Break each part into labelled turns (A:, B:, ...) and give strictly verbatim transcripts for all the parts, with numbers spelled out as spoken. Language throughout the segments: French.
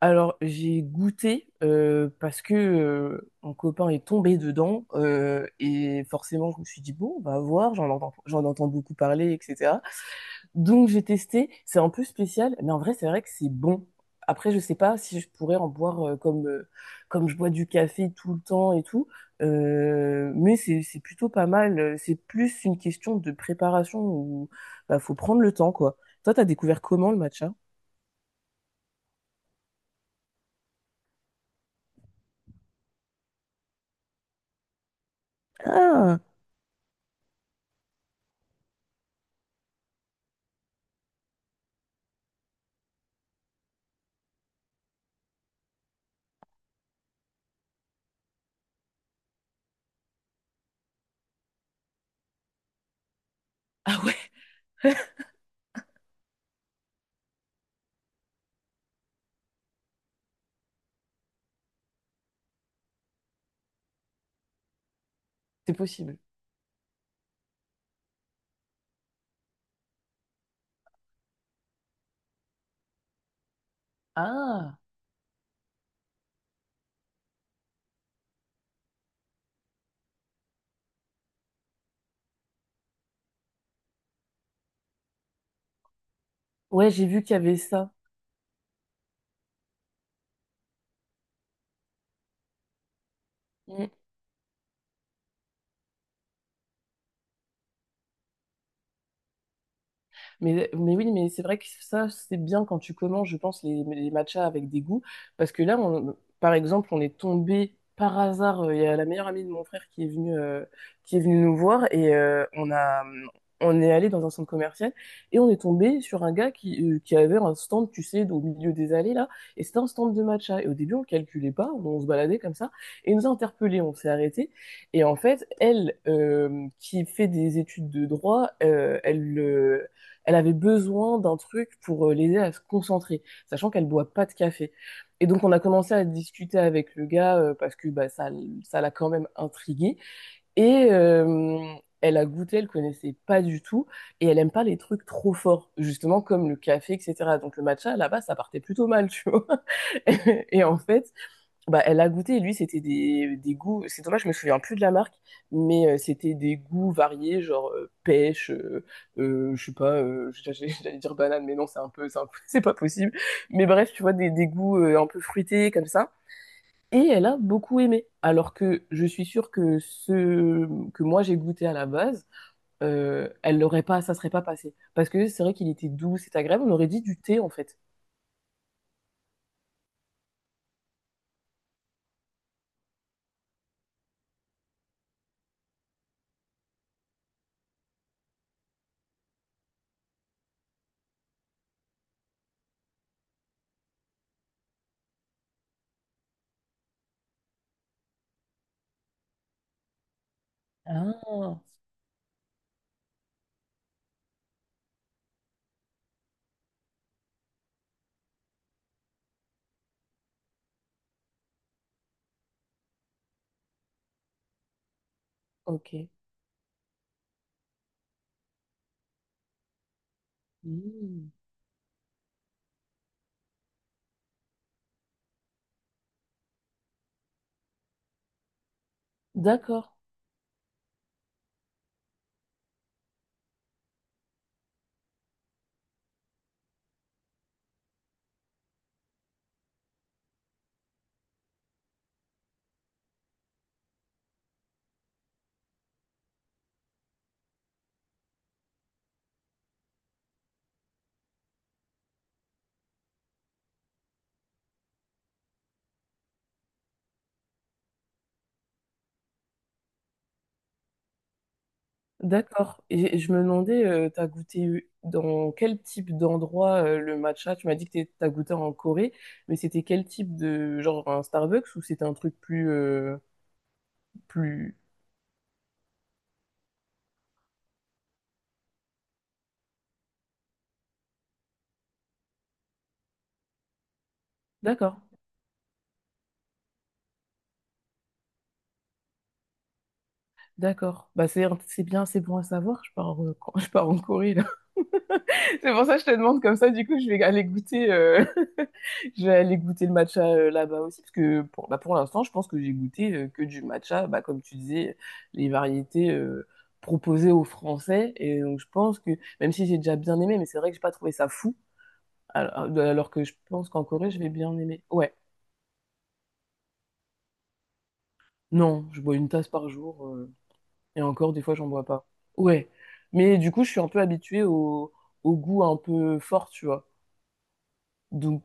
A: Alors, j'ai goûté euh, parce que euh, un copain est tombé dedans euh, et forcément, je me suis dit, bon, on va voir, j'en entends, j'en entends beaucoup parler, et cetera. Donc, j'ai testé, c'est un peu spécial, mais en vrai, c'est vrai que c'est bon. Après, je sais pas si je pourrais en boire euh, comme, euh, comme je bois du café tout le temps et tout, euh, mais c'est, c'est plutôt pas mal. C'est plus une question de préparation où bah, faut prendre le temps, quoi. Toi, t'as découvert comment le matcha? Ah, c'est possible. Ah. Ouais, j'ai vu qu'il y avait ça. Mm. Mais, mais oui, mais c'est vrai que ça, c'est bien quand tu commences, je pense, les, les matchas avec des goûts. Parce que là, on- par exemple, on est tombé par hasard. euh, Il y a la meilleure amie de mon frère qui est venue, euh, qui est venue nous voir et euh, on a, on est allé dans un centre commercial et on est tombé sur un gars qui, euh, qui avait un stand, tu sais, au milieu des allées là. Et c'était un stand de matcha. Et au début, on calculait pas, on se baladait comme ça. Et il nous a interpellés, on s'est arrêté. Et en fait, elle, euh, qui fait des études de droit, euh, elle, euh, elle avait besoin d'un truc pour euh, l'aider à se concentrer, sachant qu'elle boit pas de café. Et donc on a commencé à discuter avec le gars euh, parce que bah, ça, ça l'a quand même intriguée. Et euh, elle a goûté, elle connaissait pas du tout et elle aime pas les trucs trop forts, justement comme le café, et cetera. Donc le matcha là-bas ça partait plutôt mal, tu vois. Et en fait bah, elle a goûté, lui, c'était des, des goûts. C'est dommage, je me souviens plus de la marque, mais euh, c'était des goûts variés, genre euh, pêche, euh, euh, je sais pas, euh, j'allais j'allais dire banane, mais non, c'est un peu, c'est un peu- c'est pas possible. Mais bref, tu vois, des, des goûts euh, un peu fruités, comme ça. Et elle a beaucoup aimé. Alors que je suis sûre que ce que moi j'ai goûté à la base, euh, elle l'aurait pas, ça serait pas passé. Parce que c'est vrai qu'il était doux, c'est agréable, on aurait dit du thé, en fait. Ah, ok. Hmm. D'accord. D'accord. Et et je me demandais, euh, t'as goûté eu- dans quel type d'endroit euh, le matcha? Tu m'as dit que t'es- t'as goûté en Corée, mais c'était quel type de genre un Starbucks ou c'était un truc plus euh, plus. D'accord. D'accord. Bah, c'est, c'est bien, c'est bon à savoir. Je pars, euh, quand- je pars en Corée, là. C'est pour ça que je te demande comme ça. Du coup, je vais aller goûter, euh, je vais aller goûter le matcha euh, là-bas aussi. Parce que pour, bah, pour l'instant, je pense que j'ai goûté euh, que du matcha. Bah, comme tu disais, les variétés euh, proposées aux Français. Et donc, je pense que, même si j'ai déjà bien aimé, mais c'est vrai que j'ai pas trouvé ça fou. Alors, alors que je pense qu'en Corée, je vais bien aimer. Ouais. Non, je bois une tasse par jour. euh, Et encore, des fois, j'en bois pas. Ouais. Mais du coup, je suis un peu habituée au, au goût un peu fort, tu vois. Donc,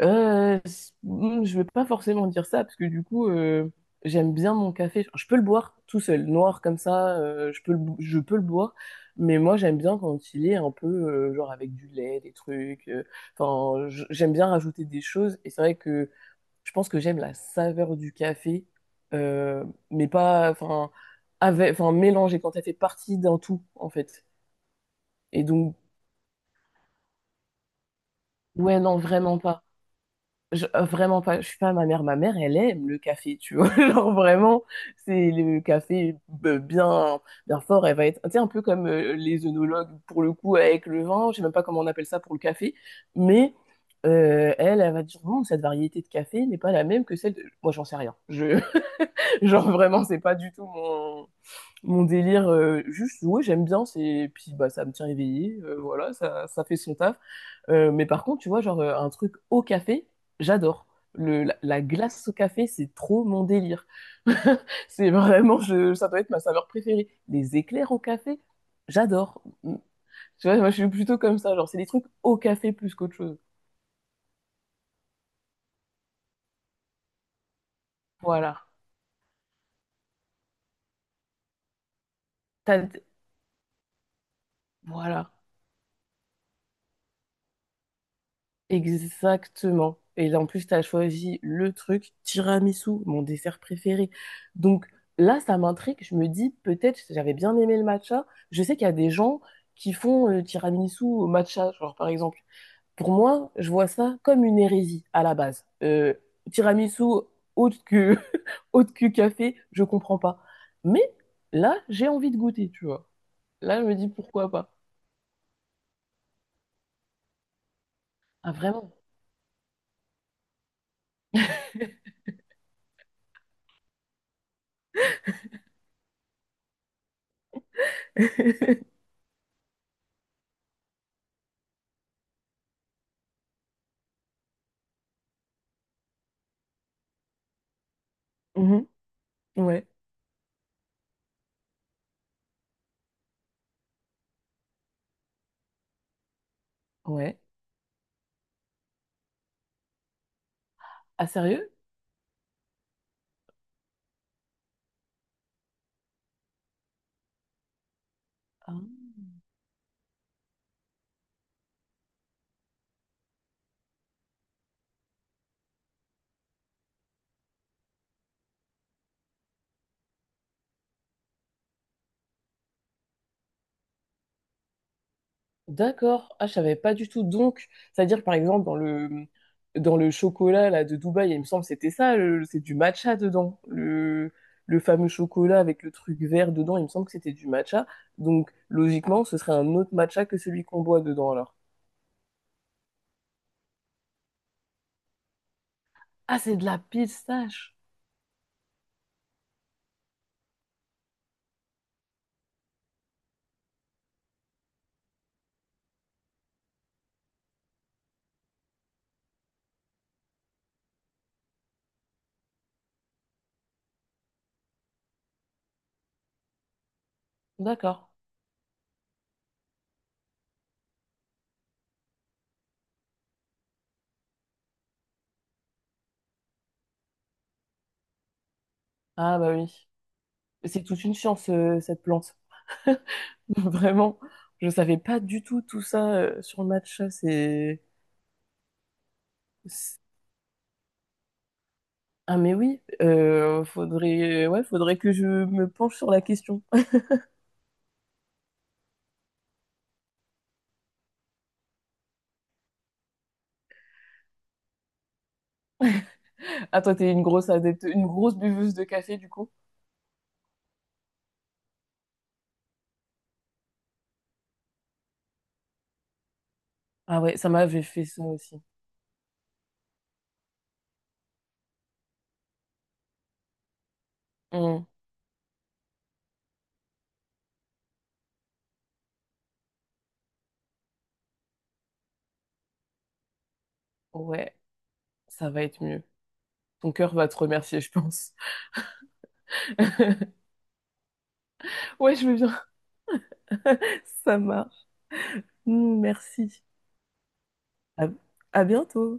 A: euh, c- mm, je vais pas forcément dire ça, parce que du coup, euh, j'aime bien mon café. Je peux le boire tout seul, noir comme ça, euh, je peux le, bo- je peux le boire. Mais moi, j'aime bien quand il est un peu, euh, genre, avec du lait, des trucs. euh, Enfin, j- j'aime bien rajouter des choses. Et c'est vrai que je pense que j'aime la saveur du café, euh, mais pas, enfin, avec, enfin, mélangé quand elle fait partie d'un tout, en fait. Et donc, ouais, non, vraiment pas. Je- euh, vraiment pas. Je suis pas ma mère. Ma mère, elle aime le café, tu vois. Genre vraiment, c'est le café euh, bien, bien fort. Elle va être, tu sais, un peu comme euh, les œnologues pour le coup avec le vin. Je sais même pas comment on appelle ça pour le café, mais euh, elle, elle va dire non, cette variété de café n'est pas la même que celle de. Moi, j'en sais rien. Je... Genre vraiment, c'est pas du tout mon, mon délire. euh, juste, ouais, j'aime bien, c'est puis bah ça me tient éveillé, euh, voilà, ça, ça fait son taf. Euh, mais par contre, tu vois, genre euh, un truc au café, j'adore. Le, la, la glace au café, c'est trop mon délire. C'est vraiment, je, ça doit être ma saveur préférée. Les éclairs au café, j'adore. Tu vois, moi je suis plutôt comme ça, genre c'est des trucs au café plus qu'autre chose. Voilà. T'as- Voilà. Exactement. Et là, en plus, tu as choisi le truc tiramisu, mon dessert préféré. Donc là, ça m'intrigue. Je me dis, peut-être, j'avais bien aimé le matcha. Je sais qu'il y a des gens qui font le tiramisu au matcha, genre par exemple. Pour moi, je vois ça comme une hérésie à la base. Euh, tiramisu autre que, autre que café, je comprends pas. Mais là, j'ai envie de goûter, tu vois. Là, je me dis, pourquoi pas? Ah, vraiment? Mhm. Ouais. Ouais. Ah, sérieux? D'accord. Ah, je savais pas du tout. Donc, c'est-à-dire, par exemple, dans le, dans le chocolat là, de Dubaï, il me semble que c'était ça, le- c'est du matcha dedans. Le, le fameux chocolat avec le truc vert dedans, il me semble que c'était du matcha. Donc, logiquement, ce serait un autre matcha que celui qu'on boit dedans, alors. Ah, c'est de la pistache. D'accord. Ah, bah oui. C'est toute une science, euh, cette plante. Vraiment, je savais pas du tout tout ça euh, sur le matcha. C'est ah mais oui, euh, faudrait, ouais, faudrait que je me penche sur la question. Ah toi t'es une grosse adepte, une grosse buveuse de café du coup? Ah ouais, ça m'avait fait ça aussi. Hmm, ouais, ça va être mieux. Ton cœur va te remercier, je pense. Ouais, je veux bien. Ça marche. Hmm, merci. À à bientôt.